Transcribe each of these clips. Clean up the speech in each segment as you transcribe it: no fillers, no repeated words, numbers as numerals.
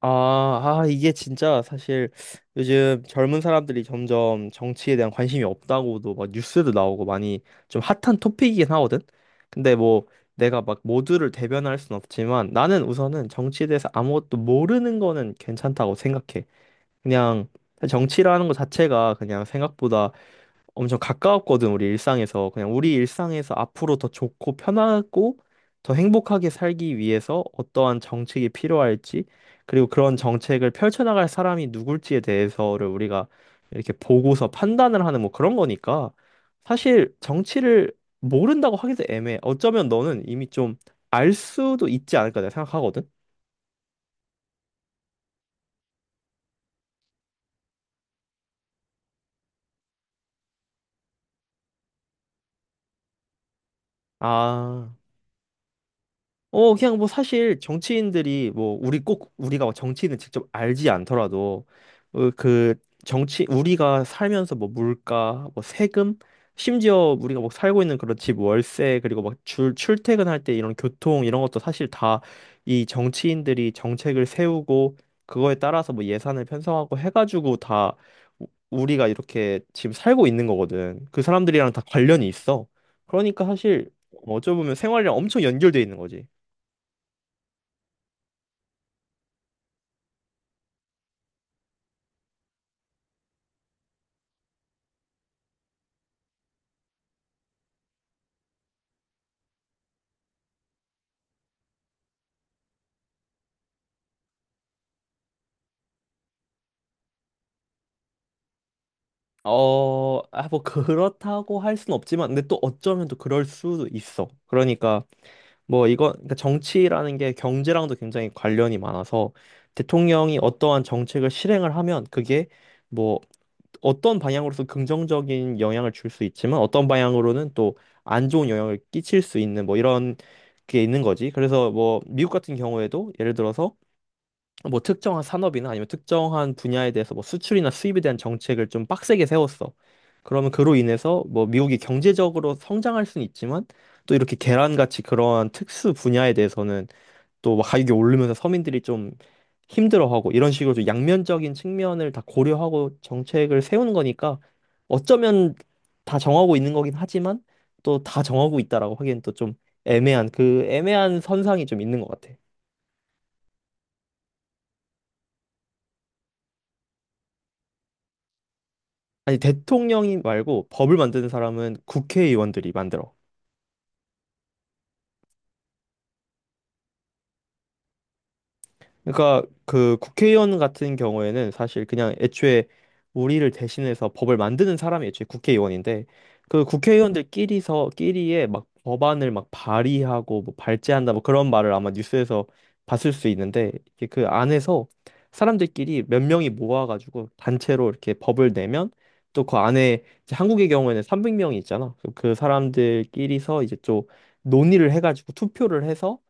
이게 진짜 사실, 요즘 젊은 사람들이 점점 정치에 대한 관심이 없다고도 막 뉴스도 나오고 많이 좀 핫한 토픽이긴 하거든. 근데 뭐, 내가 막 모두를 대변할 순 없지만 나는 우선은 정치에 대해서 아무것도 모르는 거는 괜찮다고 생각해. 그냥 사실 정치라는 것 자체가 그냥 생각보다 엄청 가까웠거든, 우리 일상에서. 그냥 우리 일상에서 앞으로 더 좋고 편하고 더 행복하게 살기 위해서 어떠한 정책이 필요할지, 그리고 그런 정책을 펼쳐나갈 사람이 누굴지에 대해서를 우리가 이렇게 보고서 판단을 하는 뭐 그런 거니까, 사실 정치를 모른다고 하기도 애매해. 어쩌면 너는 이미 좀 알 수도 있지 않을까 내가 생각하거든. 아. 그냥 뭐 사실 정치인들이, 뭐 우리 꼭 우리가 뭐 정치인을 직접 알지 않더라도, 어, 그 정치, 우리가 살면서 뭐 물가, 뭐 세금, 심지어 우리가 뭐 살고 있는 그런 집 월세, 그리고 막 출퇴근할 때 이런 교통 이런 것도 사실 다 이 정치인들이 정책을 세우고 그거에 따라서 뭐 예산을 편성하고 해가지고, 다 우리가 이렇게 지금 살고 있는 거거든. 그 사람들이랑 다 관련이 있어. 그러니까 사실, 어쩌면 생활이랑 엄청 연결돼 있는 거지. 그렇다고 할 순 없지만, 근데 또 어쩌면 또 그럴 수도 있어. 그러니까 정치라는 게 경제랑도 굉장히 관련이 많아서, 대통령이 어떠한 정책을 실행을 하면, 그게 뭐, 어떤 방향으로서 긍정적인 영향을 줄 수 있지만, 어떤 방향으로는 또 안 좋은 영향을 끼칠 수 있는, 뭐, 이런 게 있는 거지. 그래서 뭐, 미국 같은 경우에도, 예를 들어서, 뭐 특정한 산업이나 아니면 특정한 분야에 대해서 뭐 수출이나 수입에 대한 정책을 좀 빡세게 세웠어. 그러면 그로 인해서 뭐 미국이 경제적으로 성장할 수는 있지만, 또 이렇게 계란같이 그러한 특수 분야에 대해서는 또막 가격이 오르면서 서민들이 좀 힘들어하고, 이런 식으로 좀 양면적인 측면을 다 고려하고 정책을 세우는 거니까, 어쩌면 다 정하고 있는 거긴 하지만 또 다 정하고 있다라고 하기엔 또 좀 애매한 선상이 좀 있는 것 같아. 아니, 대통령이 말고 법을 만드는 사람은 국회의원들이 만들어. 그러니까 그 국회의원 같은 경우에는 사실 그냥 애초에 우리를 대신해서 법을 만드는 사람이 애초에 국회의원인데, 그 국회의원들끼리서 끼리에 막 법안을 막 발의하고 뭐 발제한다 뭐 그런 말을 아마 뉴스에서 봤을 수 있는데, 이게 그 안에서 사람들끼리 몇 명이 모아가지고 단체로 이렇게 법을 내면, 또 그 안에 이제 한국의 경우에는 300명이 있잖아. 그 사람들끼리서 이제 또 논의를 해가지고 투표를 해서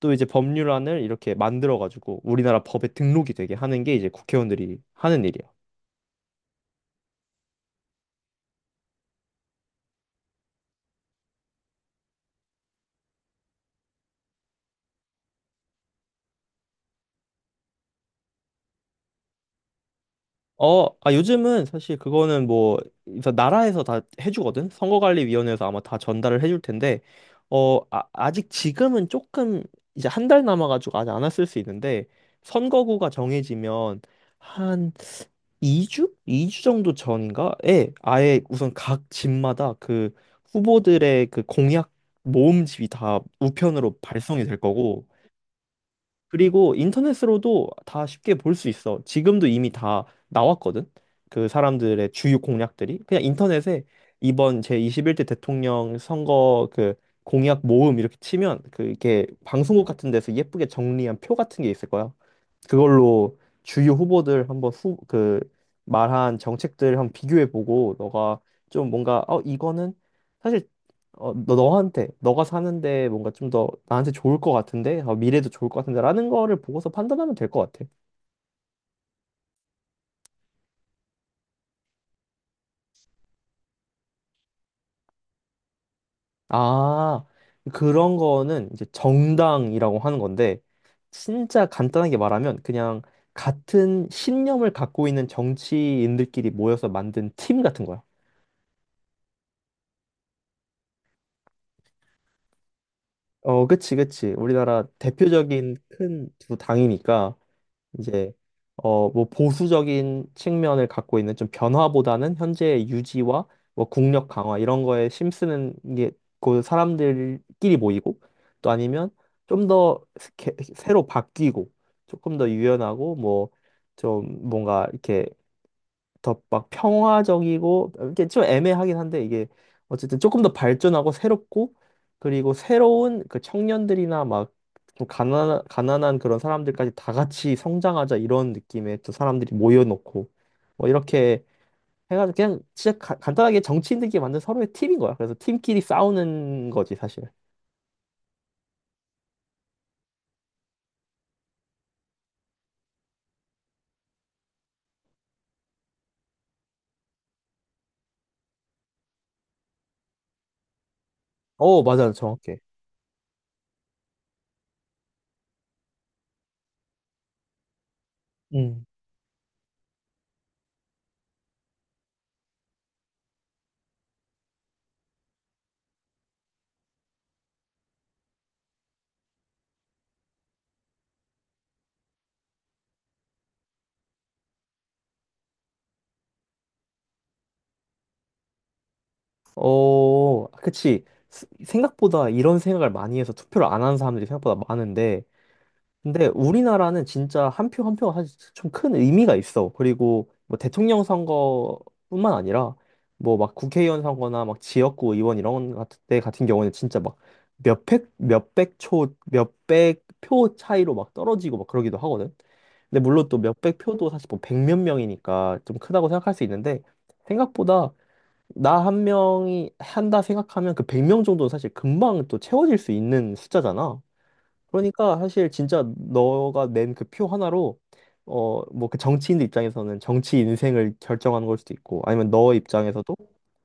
또 이제 법률안을 이렇게 만들어가지고 우리나라 법에 등록이 되게 하는 게 이제 국회의원들이 하는 일이야. 요즘은 사실 그거는 뭐, 그래서 나라에서 다 해주거든? 선거관리위원회에서 아마 다 전달을 해줄 텐데, 아직 지금은 조금, 이제 한 달 남아가지고 아직 안 왔을 수 있는데, 선거구가 정해지면 한 2주? 이주 정도 전인가에 아예 우선 각 집마다 그 후보들의 그 공약 모음집이 다 우편으로 발송이 될 거고, 그리고 인터넷으로도 다 쉽게 볼 수 있어. 지금도 이미 다 나왔거든, 그 사람들의 주요 공약들이. 그냥 인터넷에 이번 제21대 대통령 선거 그 공약 모음 이렇게 치면 그게 방송국 같은 데서 예쁘게 정리한 표 같은 게 있을 거야. 그걸로 주요 후보들 한번 그 말한 정책들 한번 비교해 보고, 너가 좀 뭔가 이거는 사실, 너가 사는데 뭔가 좀 더 나한테 좋을 것 같은데? 어, 미래도 좋을 것 같은데? 라는 거를 보고서 판단하면 될 것 같아. 아, 그런 거는 이제 정당이라고 하는 건데, 진짜 간단하게 말하면 그냥 같은 신념을 갖고 있는 정치인들끼리 모여서 만든 팀 같은 거야. 그치, 그치. 우리나라 대표적인 큰 두 당이니까. 이제 뭐 보수적인 측면을 갖고 있는, 좀 변화보다는 현재의 유지와 뭐 국력 강화 이런 거에 힘쓰는 게 그 사람들끼리 모이고, 또 아니면 좀 더 새로 바뀌고 조금 더 유연하고 뭐 좀 뭔가 이렇게 더 막 평화적이고, 이게 좀 애매하긴 한데, 이게 어쨌든 조금 더 발전하고 새롭고, 그리고 새로운 그 청년들이나 막 좀 가난한 그런 사람들까지 다 같이 성장하자 이런 느낌의 또 사람들이 모여놓고 뭐 이렇게 해가지고, 그냥 진짜 간단하게 정치인들끼리 만든 서로의 팀인 거야. 그래서 팀끼리 싸우는 거지, 사실. 어, 맞아, 정확해. 음. 어, 그치. 생각보다 이런 생각을 많이 해서 투표를 안 하는 사람들이 생각보다 많은데, 근데 우리나라는 진짜 한 표 한 표가 사실 좀 큰 의미가 있어. 그리고 뭐 대통령 선거뿐만 아니라 뭐 막 국회의원 선거나 막 지역구 의원 이런 것 같은 때 같은 경우는 진짜 막 몇백 표 차이로 막 떨어지고 막 그러기도 하거든. 근데 물론 또 몇백 표도 사실 뭐 백몇 명이니까 좀 크다고 생각할 수 있는데, 생각보다, 나 한 명이 한다 생각하면 그 100명 정도는 사실 금방 또 채워질 수 있는 숫자잖아. 그러니까 사실 진짜 너가 낸 그 표 하나로 뭐 그 정치인들 입장에서는 정치 인생을 결정하는 걸 수도 있고, 아니면 너 입장에서도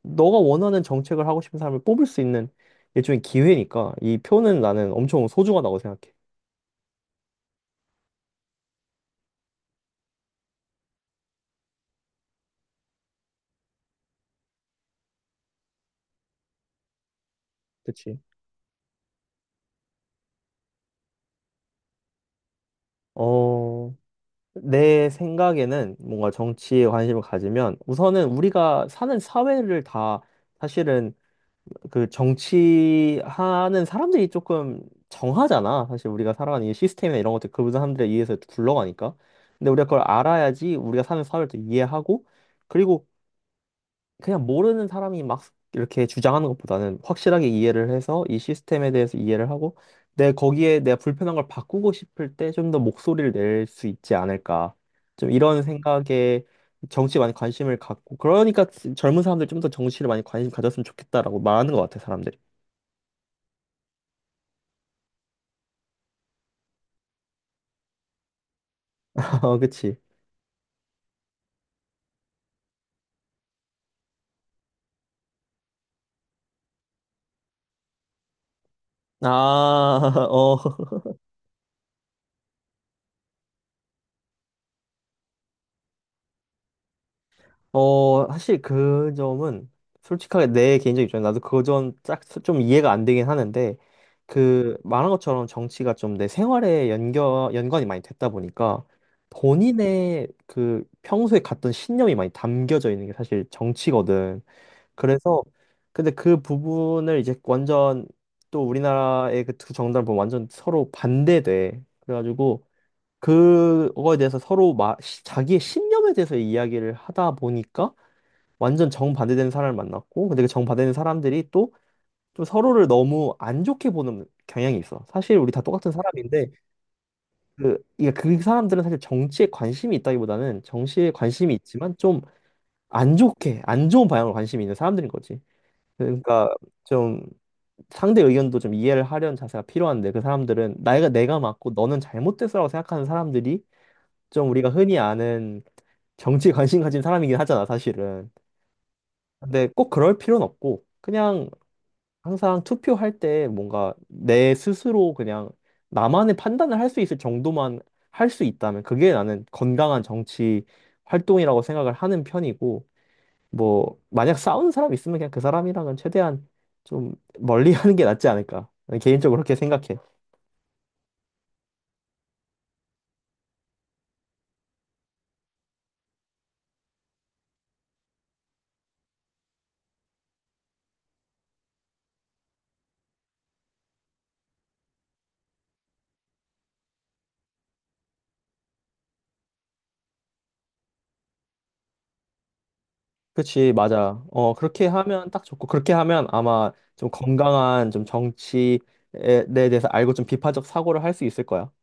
너가 원하는 정책을 하고 싶은 사람을 뽑을 수 있는 일종의 기회니까, 이 표는 나는 엄청 소중하다고 생각해. 그치? 어, 내 생각에는 뭔가 정치에 관심을 가지면 우선은 우리가 사는 사회를 다, 사실은 그 정치하는 사람들이 조금 정하잖아. 사실 우리가 살아가는 이 시스템이나 이런 것들 그 사람들에 의해서 굴러가니까. 근데 우리가 그걸 알아야지 우리가 사는 사회를 또 이해하고, 그리고 그냥 모르는 사람이 막 이렇게 주장하는 것보다는 확실하게 이해를 해서 이 시스템에 대해서 이해를 하고, 내 거기에 내가 불편한 걸 바꾸고 싶을 때 좀 더 목소리를 낼 수 있지 않을까. 좀 이런 생각에 정치에 많이 관심을 갖고, 그러니까 젊은 사람들 좀 더 정치를 많이 관심 가졌으면 좋겠다라고 말하는 것 같아, 사람들이. 어, 그치. 아, 어, 사실 그 점은, 솔직하게 내 개인적 입장에 나도 그 점 딱 좀 이해가 안 되긴 하는데, 그 말한 것처럼 정치가 좀 내 생활에 연관이 많이 됐다 보니까, 본인의 그 평소에 갔던 신념이 많이 담겨져 있는 게 사실 정치거든. 그래서, 근데 그 부분을 이제 완전, 또 우리나라의 그 두 정당을 보면 완전 서로 반대돼. 그래가지고 그거에 대해서 서로 자기의 신념에 대해서 이야기를 하다 보니까 완전 정반대되는 사람을 만났고, 근데 그 정반대되는 사람들이 또 좀 서로를 너무 안 좋게 보는 경향이 있어. 사실 우리 다 똑같은 사람인데, 이게 그 사람들은 사실 정치에 관심이 있다기보다는 정치에 관심이 있지만 좀 안 좋게, 안 좋은 방향으로 관심이 있는 사람들인 거지. 그러니까 좀 상대 의견도 좀 이해를 하려는 자세가 필요한데, 그 사람들은 나이가 내가 맞고 너는 잘못됐어라고 생각하는 사람들이 좀 우리가 흔히 아는 정치에 관심 가진 사람이긴 하잖아, 사실은. 근데 꼭 그럴 필요는 없고, 그냥 항상 투표할 때 뭔가 내 스스로 그냥 나만의 판단을 할 수 있을 정도만 할 수 있다면 그게 나는 건강한 정치 활동이라고 생각을 하는 편이고, 뭐, 만약 싸우는 사람 있으면 그냥 그 사람이랑은 최대한 좀 멀리 하는 게 낫지 않을까. 개인적으로 그렇게 생각해. 그치, 맞아. 그렇게 하면 딱 좋고, 그렇게 하면 아마 좀 건강한 좀 정치에 대해서 알고 좀 비판적 사고를 할 수 있을 거야.